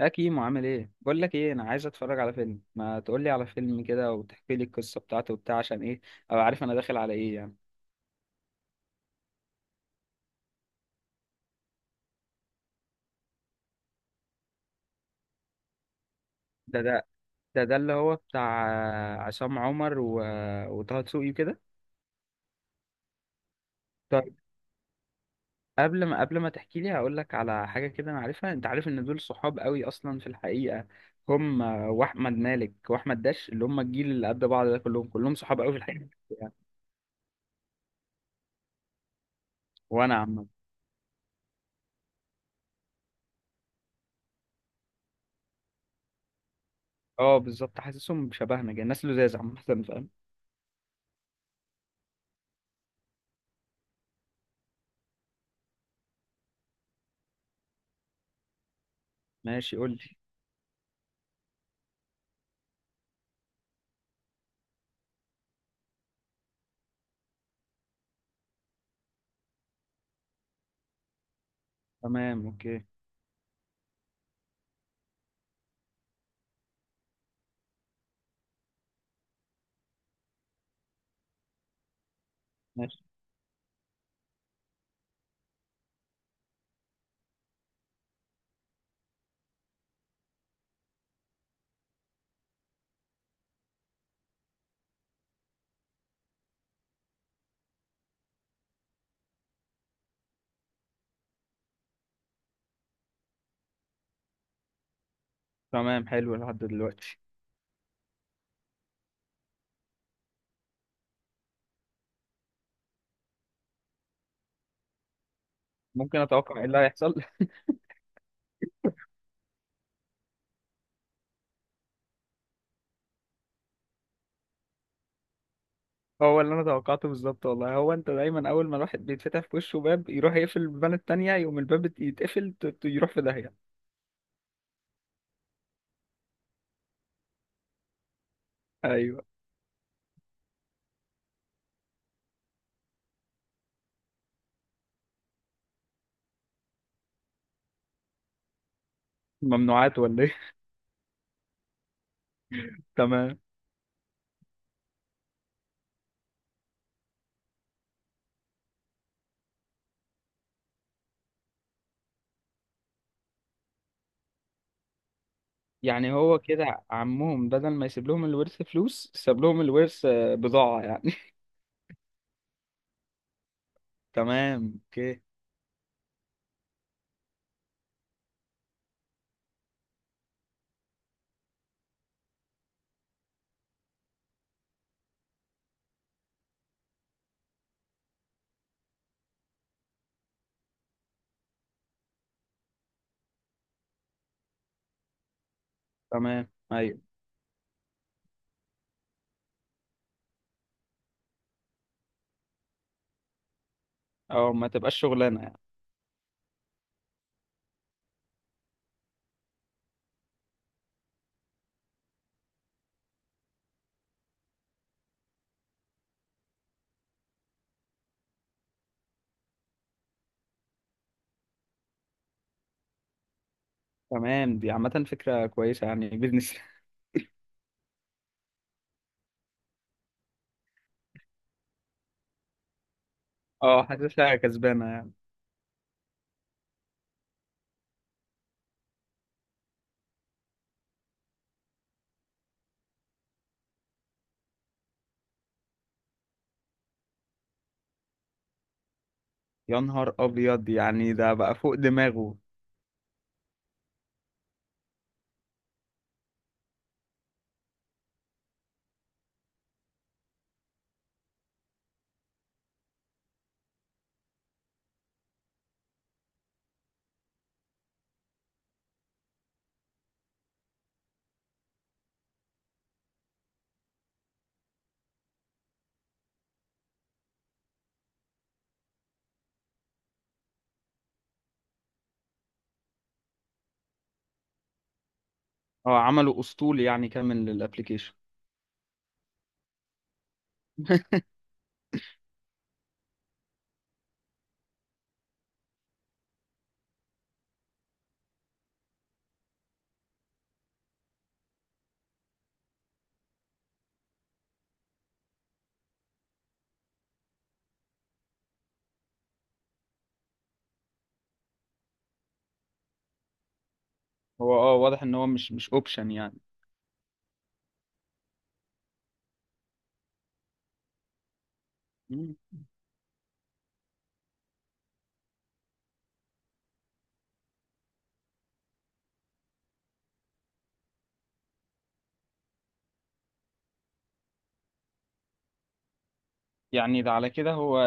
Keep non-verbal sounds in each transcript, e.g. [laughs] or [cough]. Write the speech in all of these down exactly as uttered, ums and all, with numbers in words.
يا كيمو عامل ايه؟ بقول لك ايه، انا عايز اتفرج على فيلم. ما تقول لي على فيلم كده وتحكي لي القصه بتاعته وبتاع، عشان ايه؟ ابقى عارف انا داخل على ايه يعني. ده ده ده ده اللي هو بتاع عصام عمر و... وطه دسوقي كده. طيب، قبل ما قبل ما تحكي لي، هقول لك على حاجه كده انا عارفها. انت عارف ان دول صحاب قوي اصلا في الحقيقه، هم واحمد مالك واحمد داش، اللي هم الجيل اللي قد بعض ده، كلهم كلهم صحاب قوي في الحقيقه يعني. وانا عم. اه بالظبط، حاسسهم شبهنا كده، الناس لذاذ عامه، فاهم؟ ماشي، قول لي. تمام، اوكي. ماشي. تمام، حلو لحد دلوقتي. ممكن اتوقع ايه اللي هيحصل. [laughs] هو اللي انا توقعته بالظبط والله. هو انت دايما اول ما الواحد بيتفتح في وشه باب، يروح يقفل البان التانية، يقوم الباب يت- يتقفل، ت- ت- يروح في داهية. ايوه. ممنوعات ولا ايه؟ [laughs] تمام. يعني هو كده عمهم بدل ما يسيب لهم الورث فلوس، ساب لهم الورث آه، بضاعة يعني. [laughs] تمام، اوكي. تمام، ايوه. اه، ما تبقاش شغلانة يعني. تمام، دي عامة فكرة كويسة يعني، بيزنس. [laughs] اه، حاسسها كسبانة يعني. يا نهار ابيض، يعني ده بقى فوق دماغه. اه، عمله اسطول يعني كامل للابليكيشن. هو اه واضح ان هو مش مش اوبشن يعني. مم. يعني ده على كده هو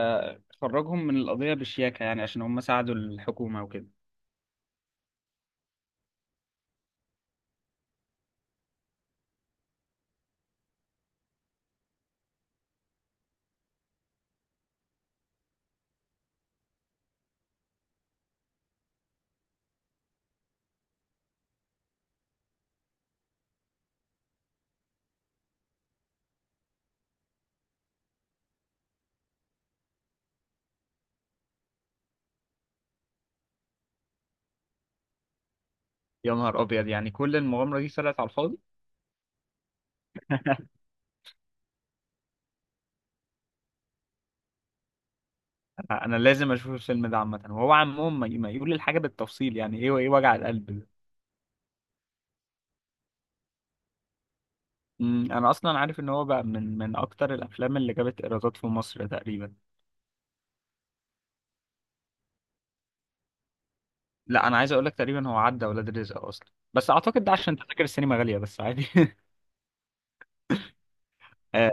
خرجهم من القضية بشياكة يعني، عشان هم ساعدوا الحكومة وكده. يا نهار ابيض، يعني كل المغامرة دي طلعت على الفاضي. انا أنا لازم اشوف الفيلم ده عامة. وهو عمهم ما ما يقول الحاجة بالتفصيل يعني ايه وايه وجع القلب ده؟ مم. انا اصلا عارف ان هو بقى من من اكتر الافلام اللي جابت ايرادات في مصر تقريبا. لا انا عايز اقول لك، تقريبا هو عدى ولاد رزق اصلا. بس اعتقد ده عشان تذاكر السينما غاليه، بس عادي. [laughs] آه،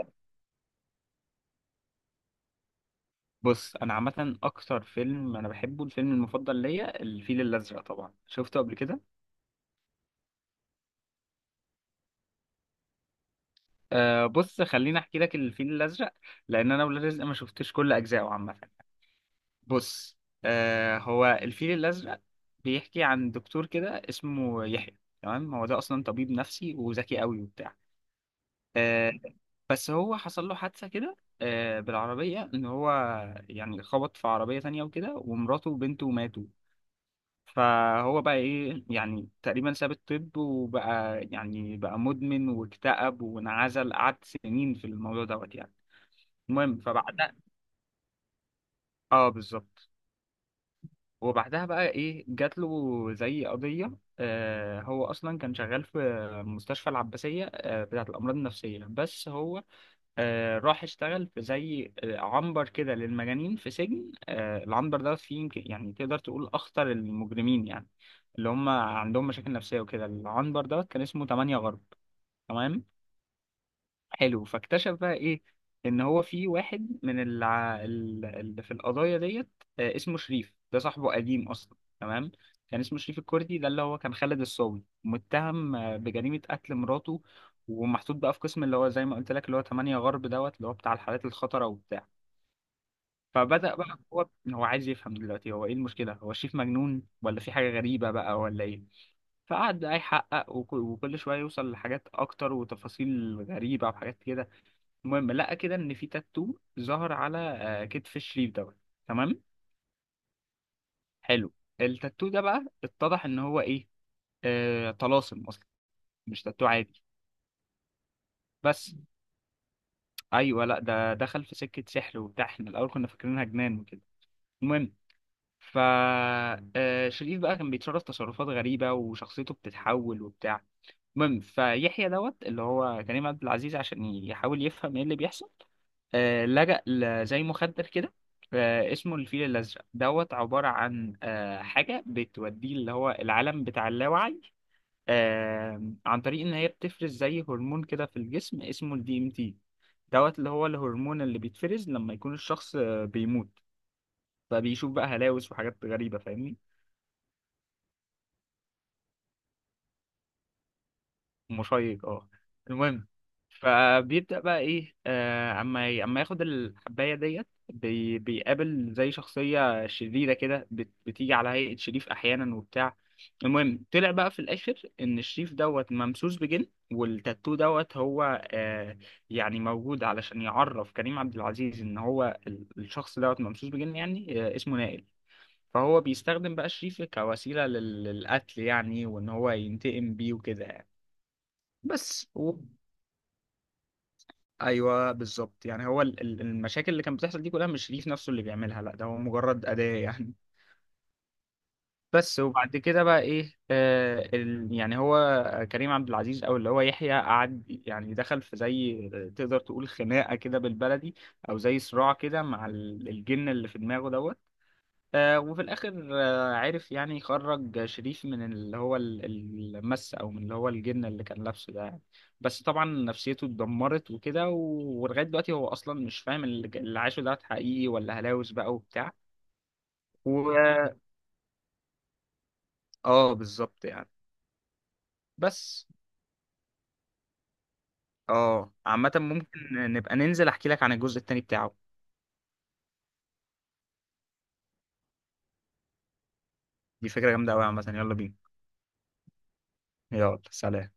بص، انا عامه اكتر فيلم انا بحبه، الفيلم المفضل ليا، الفيل الازرق. طبعا شفته قبل كده. آه، بص، خليني احكي لك الفيل الازرق، لان انا ولاد رزق ما شفتش كل اجزائه عامه. بص، آه، هو الفيل الازرق بيحكي عن دكتور كده اسمه يحيى. تمام، هو ده اصلا طبيب نفسي وذكي قوي وبتاع. آه، بس هو حصل له حادثة كده، آه، بالعربية، إن هو يعني خبط في عربية تانية وكده، ومراته وبنته ماتوا. فهو بقى إيه يعني، تقريبا ساب الطب وبقى يعني، بقى مدمن واكتئب وانعزل، قعد سنين في الموضوع دوت يعني. المهم فبعدها، اه بالظبط. وبعدها بقى إيه، جات له زي قضية. آه، هو أصلا كان شغال في مستشفى العباسية آه، بتاعة الأمراض النفسية. بس هو آه، راح اشتغل في زي آه، عنبر كده للمجانين في سجن. آه، العنبر ده فيه يمكن يعني تقدر تقول أخطر المجرمين يعني، اللي هم عندهم مشاكل نفسية وكده. العنبر ده كان اسمه تمانية غرب. تمام. حلو، فاكتشف بقى ايه، ان هو في واحد من الع... ال- اللي في القضايا ديت، آه، اسمه شريف. ده صاحبه قديم اصلا. تمام، كان اسمه شريف الكردي، ده اللي هو كان خالد الصاوي متهم آه، بجريمة قتل مراته. ومحطوط بقى في قسم اللي هو زي ما قلت لك، اللي هو تمانية غرب دوت، اللي هو بتاع الحالات الخطرة وبتاع. فبدأ بقى هو، هو عايز يفهم دلوقتي، هو ايه المشكلة؟ هو شريف مجنون ولا في حاجة غريبة بقى ولا ايه؟ فقعد بقى يحقق، وك- وكل شوية يوصل لحاجات أكتر وتفاصيل غريبة وحاجات كده. المهم لقى كده ان في تاتو ظهر على آه، كتف الشريف دوت. تمام، حلو. التاتو ده بقى اتضح ان هو ايه، آه طلاسم اصلا، مش تاتو عادي. بس ايوه، لا ده دخل في سكه سحر وبتاع، احنا الاول كنا فاكرينها جنان وكده. المهم، ف، آه، شريف بقى كان بيتصرف تصرفات غريبه وشخصيته بتتحول وبتاع. المهم، فيحيى دوت اللي هو كريم عبد العزيز، عشان يحاول يفهم ايه اللي بيحصل، آه، لجأ ل- زي مخدر كده، آه، اسمه الفيل الأزرق دوت، عبارة عن آه، حاجة بتوديه اللي هو العالم بتاع اللاوعي، آه، عن طريق إن هي بتفرز زي هرمون كده في الجسم اسمه الدي ام تي دوت، اللي هو الهرمون اللي بيتفرز لما يكون الشخص آه، بيموت. فبيشوف بقى هلاوس وحاجات غريبة، فاهمني؟ مشيق، اه. المهم، فبيبدأ بقى ايه، آه، اما ي- اما ياخد الحباية ديت، بي بيقابل زي شخصية شريرة كده، بت- بتيجي على هيئة شريف احيانا وبتاع. المهم، طلع بقى في الاخر ان الشريف دوت ممسوس بجن، والتاتو دوت هو آه يعني موجود علشان يعرف كريم عبد العزيز ان هو ال- الشخص دوت ممسوس بجن يعني، آه اسمه نائل. فهو بيستخدم بقى شريف كوسيلة لل- للقتل يعني، وان هو ينتقم بيه وكده يعني. بس و... ايوه بالظبط يعني. هو ال- ال- المشاكل اللي كانت بتحصل دي كلها مش شريف نفسه اللي بيعملها، لا ده هو مجرد أداة يعني. بس وبعد كده بقى ايه، آه ال... يعني هو كريم عبد العزيز او اللي هو يحيى، قعد يعني، دخل في زي، تقدر تقول خناقة كده بالبلدي، او زي صراع كده مع ال- الجن اللي في دماغه دوت. آه، وفي الاخر آه، عرف يعني يخرج شريف من اللي هو ال- المس، او من اللي هو الجن اللي كان لابسه ده يعني. بس طبعا نفسيته اتدمرت وكده، و- ولغايه دلوقتي هو اصلا مش فاهم اللي اللي عاشه ده حقيقي ولا هلاوس بقى وبتاع. و... اه بالظبط يعني. بس، اه عامه ممكن نبقى ننزل، احكي لك عن الجزء التاني بتاعه. دي فكره جامده قوي عامه، يلا بينا. يلا، سلام.